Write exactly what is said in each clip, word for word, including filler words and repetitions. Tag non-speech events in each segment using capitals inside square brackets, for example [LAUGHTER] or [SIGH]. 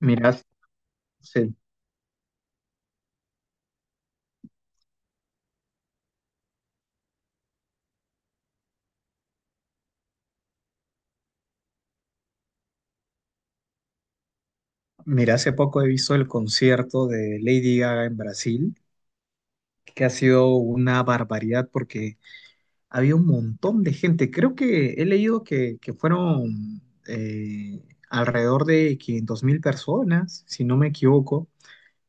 Mira, hace, mira, hace poco he visto el concierto de Lady Gaga en Brasil, que ha sido una barbaridad porque había un montón de gente. Creo que he leído que, que fueron eh, alrededor de quinientas mil personas, si no me equivoco,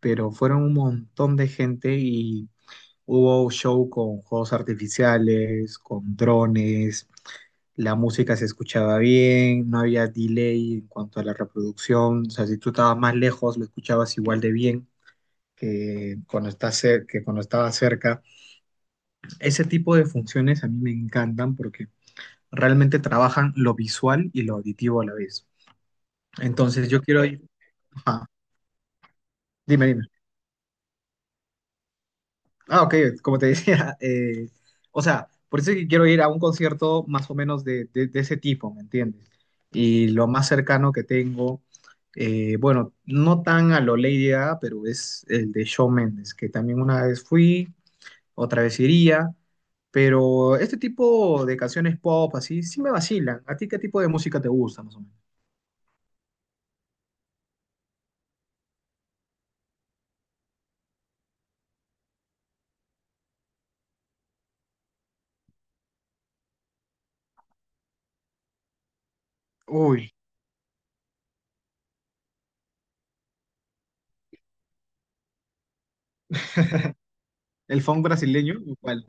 pero fueron un montón de gente y hubo show con juegos artificiales, con drones, la música se escuchaba bien, no había delay en cuanto a la reproducción. O sea, si tú estabas más lejos lo escuchabas igual de bien que cuando estás cer- que cuando estabas cerca. Ese tipo de funciones a mí me encantan porque realmente trabajan lo visual y lo auditivo a la vez. Entonces yo quiero ir. Ajá, dime, dime. Ah, ok, como te decía, [LAUGHS] eh, o sea, por eso es que quiero ir a un concierto más o menos de, de- de ese tipo, ¿me entiendes? Y lo más cercano que tengo, eh, bueno, no tan a lo Lady Gaga, pero es el de Shawn Mendes, que también una vez fui, otra vez iría, pero este tipo de canciones pop así, sí me vacilan. ¿A ti qué tipo de música te gusta, más o menos? Uy, el funk brasileño, ¿o cuál?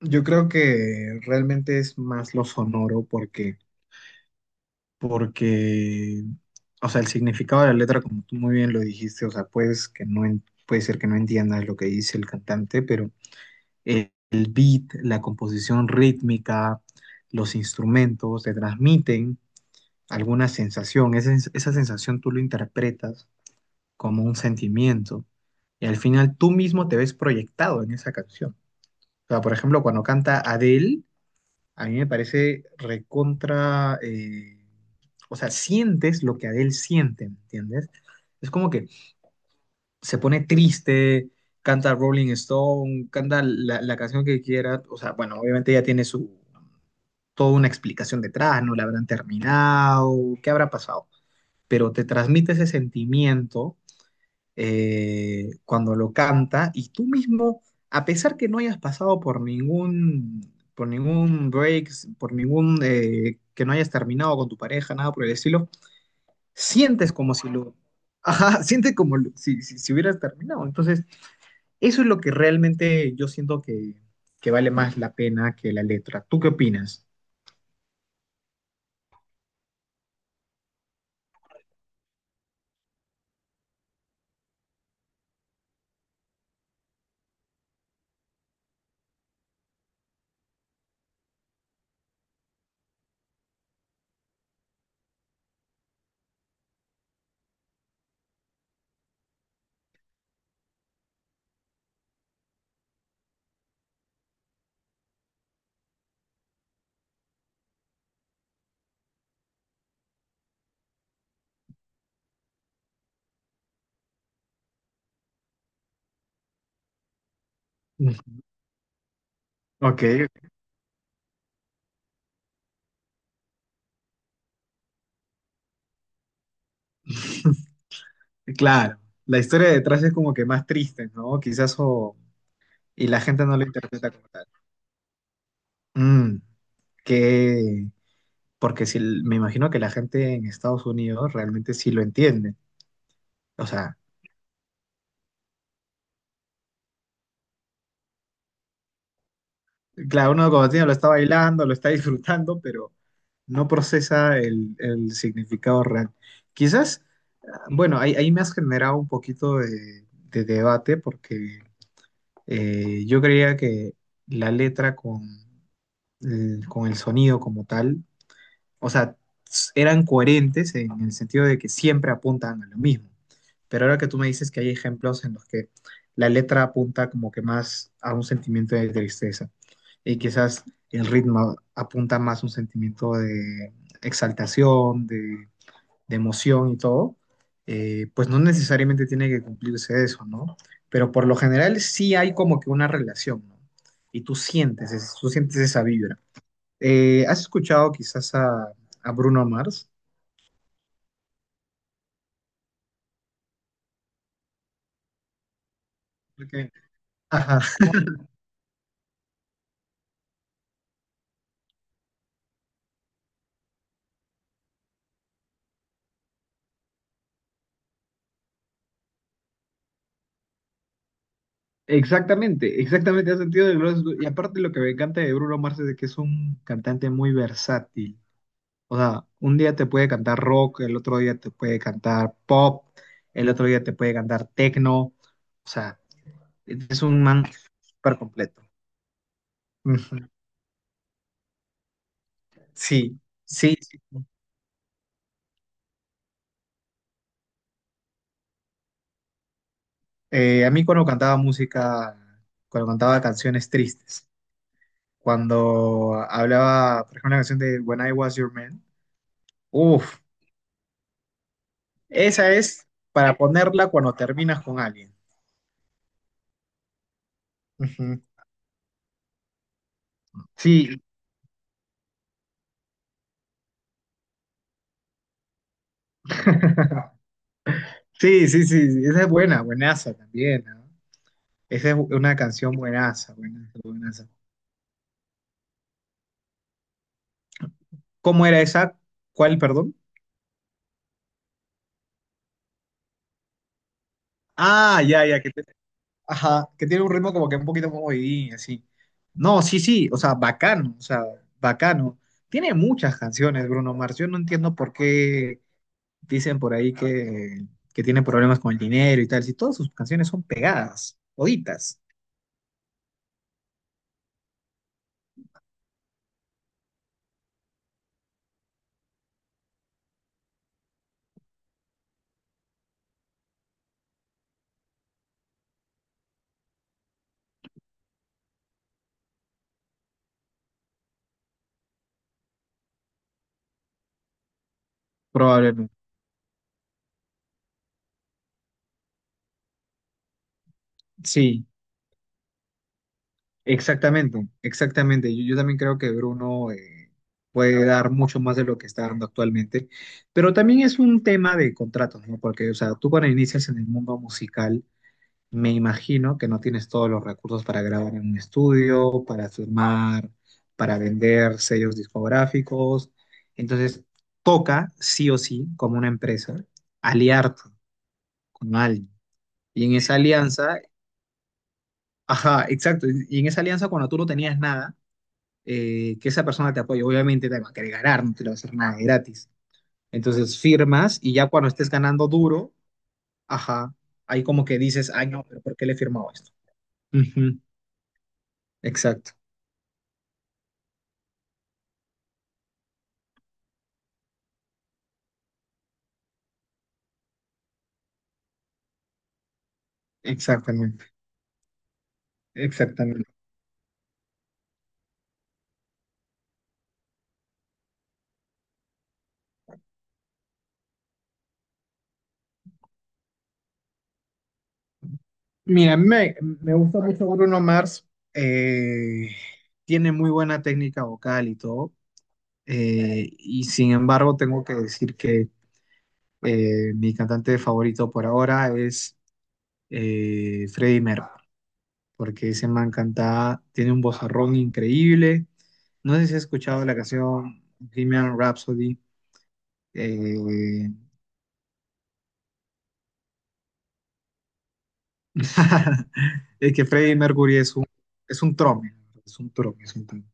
Yo creo que realmente es más lo sonoro porque porque, o sea, el significado de la letra, como tú muy bien lo dijiste, o sea, puedes que no en- puede ser que no entiendas lo que dice el cantante, pero el, el beat, la composición rítmica, los instrumentos te transmiten alguna sensación. Esa, sens- esa sensación tú lo interpretas como un sentimiento y al final tú mismo te ves proyectado en esa canción. O sea, por ejemplo, cuando canta Adele, a mí me parece recontra, eh, o sea, sientes lo que Adele siente, ¿me entiendes? Es como que se pone triste, canta Rolling Stone, canta la, la canción que quiera. O sea, bueno, obviamente ella tiene su, toda una explicación detrás, no la habrán terminado, qué habrá pasado, pero te transmite ese sentimiento eh, cuando lo canta, y tú mismo, a pesar que no hayas pasado por ningún, por ningún break, por ningún, eh, que no hayas terminado con tu pareja, nada por el estilo, sientes como si lo, ajá, [LAUGHS] sientes como lo- si, si, si hubieras terminado. Entonces, eso es lo que realmente yo siento que, que vale más la pena que la letra. ¿Tú qué opinas? [LAUGHS] Ok, claro. La historia detrás es como que más triste, ¿no? Quizás o... y la gente no lo interpreta como tal. Mm. que, porque si, me imagino que la gente en Estados Unidos realmente sí lo entiende. O sea, claro, uno como tiene lo está bailando, lo está disfrutando, pero no procesa el, el significado real. Quizás, ah, bueno, ahí, ahí me has generado un poquito de, de debate porque eh, yo creía que la letra con, el- con el sonido como tal, o sea, eran coherentes en el sentido de que siempre apuntan a lo mismo. Pero ahora que tú me dices que hay ejemplos en los que la letra apunta como que más a un sentimiento de tristeza, y quizás el ritmo apunta más a un sentimiento de exaltación, de, de emoción y todo, eh, pues no necesariamente tiene que cumplirse eso, ¿no? Pero por lo general sí hay como que una relación, ¿no? Y tú sientes, es- tú sientes esa vibra. Eh, ¿has escuchado quizás a, a Bruno Mars? Porque- Ajá, exactamente, exactamente, ha sentido del globo. Y aparte lo que me encanta de Bruno Mars es de que es un cantante muy versátil. O sea, un día te puede cantar rock, el otro día te puede cantar pop, el otro día te puede cantar techno. O sea, es un man súper completo. Ujú. Sí, sí, sí. Eh, a mí cuando cantaba música, cuando cantaba canciones tristes, cuando hablaba, por ejemplo, la canción de When I Was Your Man. Uf, esa es para ponerla cuando terminas con alguien. Ujú. Sí, [LAUGHS] sí, sí, sí, sí, esa es buena, buenaza también, ¿no? Esa es una canción buenaza, buenaza, buenaza. ¿Cómo era esa? ¿Cuál, perdón? Ah, ya, ya, que, te- ajá, que tiene un ritmo como que un poquito como movidín, así. No, sí, sí, o sea, bacano, o sea, bacano. Tiene muchas canciones, Bruno Mars. Yo no entiendo por qué dicen por ahí que, que tiene problemas con el dinero y tal. Si todas sus canciones son pegadas, toditas. Probablemente. Sí, exactamente, exactamente. Yo, yo también creo que Bruno eh, puede dar mucho más de lo que está dando actualmente, pero también es un tema de contratos, ¿no? Porque, o sea, tú cuando inicias en el mundo musical, me imagino que no tienes todos los recursos para grabar en un estudio, para firmar, para vender sellos discográficos. Entonces, toca sí o sí, como una empresa, aliarte con alguien. Y en esa alianza, ajá, exacto. Y y en esa alianza, cuando tú no tenías nada, eh, que esa persona te apoye, obviamente te va a querer ganar, no te lo va a hacer nada gratis. Entonces, firmas y ya cuando estés ganando duro, ajá, ahí como que dices, ay, no, pero ¿por qué le he firmado esto? Ujú, exacto. Exactamente, exactamente. Mira, a mí me, me gusta mucho Bruno Mars, eh, tiene muy buena técnica vocal y todo, eh, y sin embargo tengo que decir que eh, mi cantante favorito por ahora es eh, Freddie Mercury, porque ese man canta, tiene un vozarrón increíble. No sé si has escuchado la canción Bohemian Rhapsody. eh, [LAUGHS] es que Freddie Mercury es un, es un trome, es un trome, es un trome.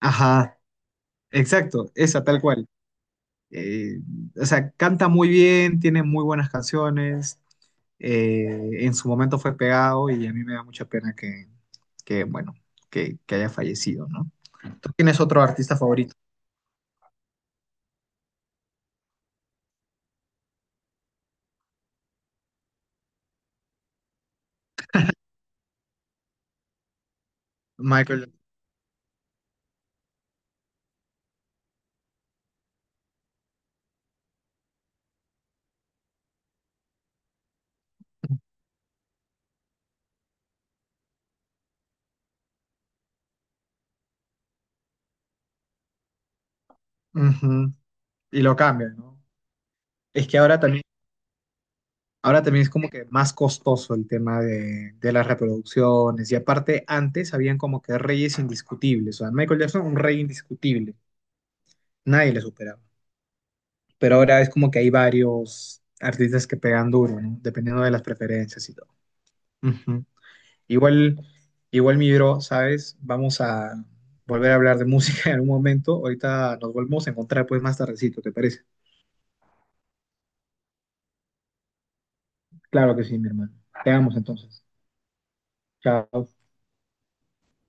Ajá, exacto, esa tal cual. Eh, o sea, canta muy bien, tiene muy buenas canciones. eh, en su momento fue pegado, y a mí me da mucha pena que, que, bueno, que, que haya fallecido, ¿no? ¿Tú tienes otro artista favorito? Michael. Ujú, y lo cambian, ¿no? Es que ahora también, ahora también es como que más costoso el tema de, de las reproducciones. Y aparte, antes habían como que reyes indiscutibles. O sea, Michael Jackson, un rey indiscutible. Nadie le superaba. Pero ahora es como que hay varios artistas que pegan duro, ¿no? Dependiendo de las preferencias y todo. Ujú. Igual, igual mi bro, ¿sabes? Vamos a volver a hablar de música [LAUGHS] en algún momento. Ahorita nos volvemos a encontrar pues más tardecito, ¿te parece? Claro que sí, mi hermano. Te amo entonces. Chao.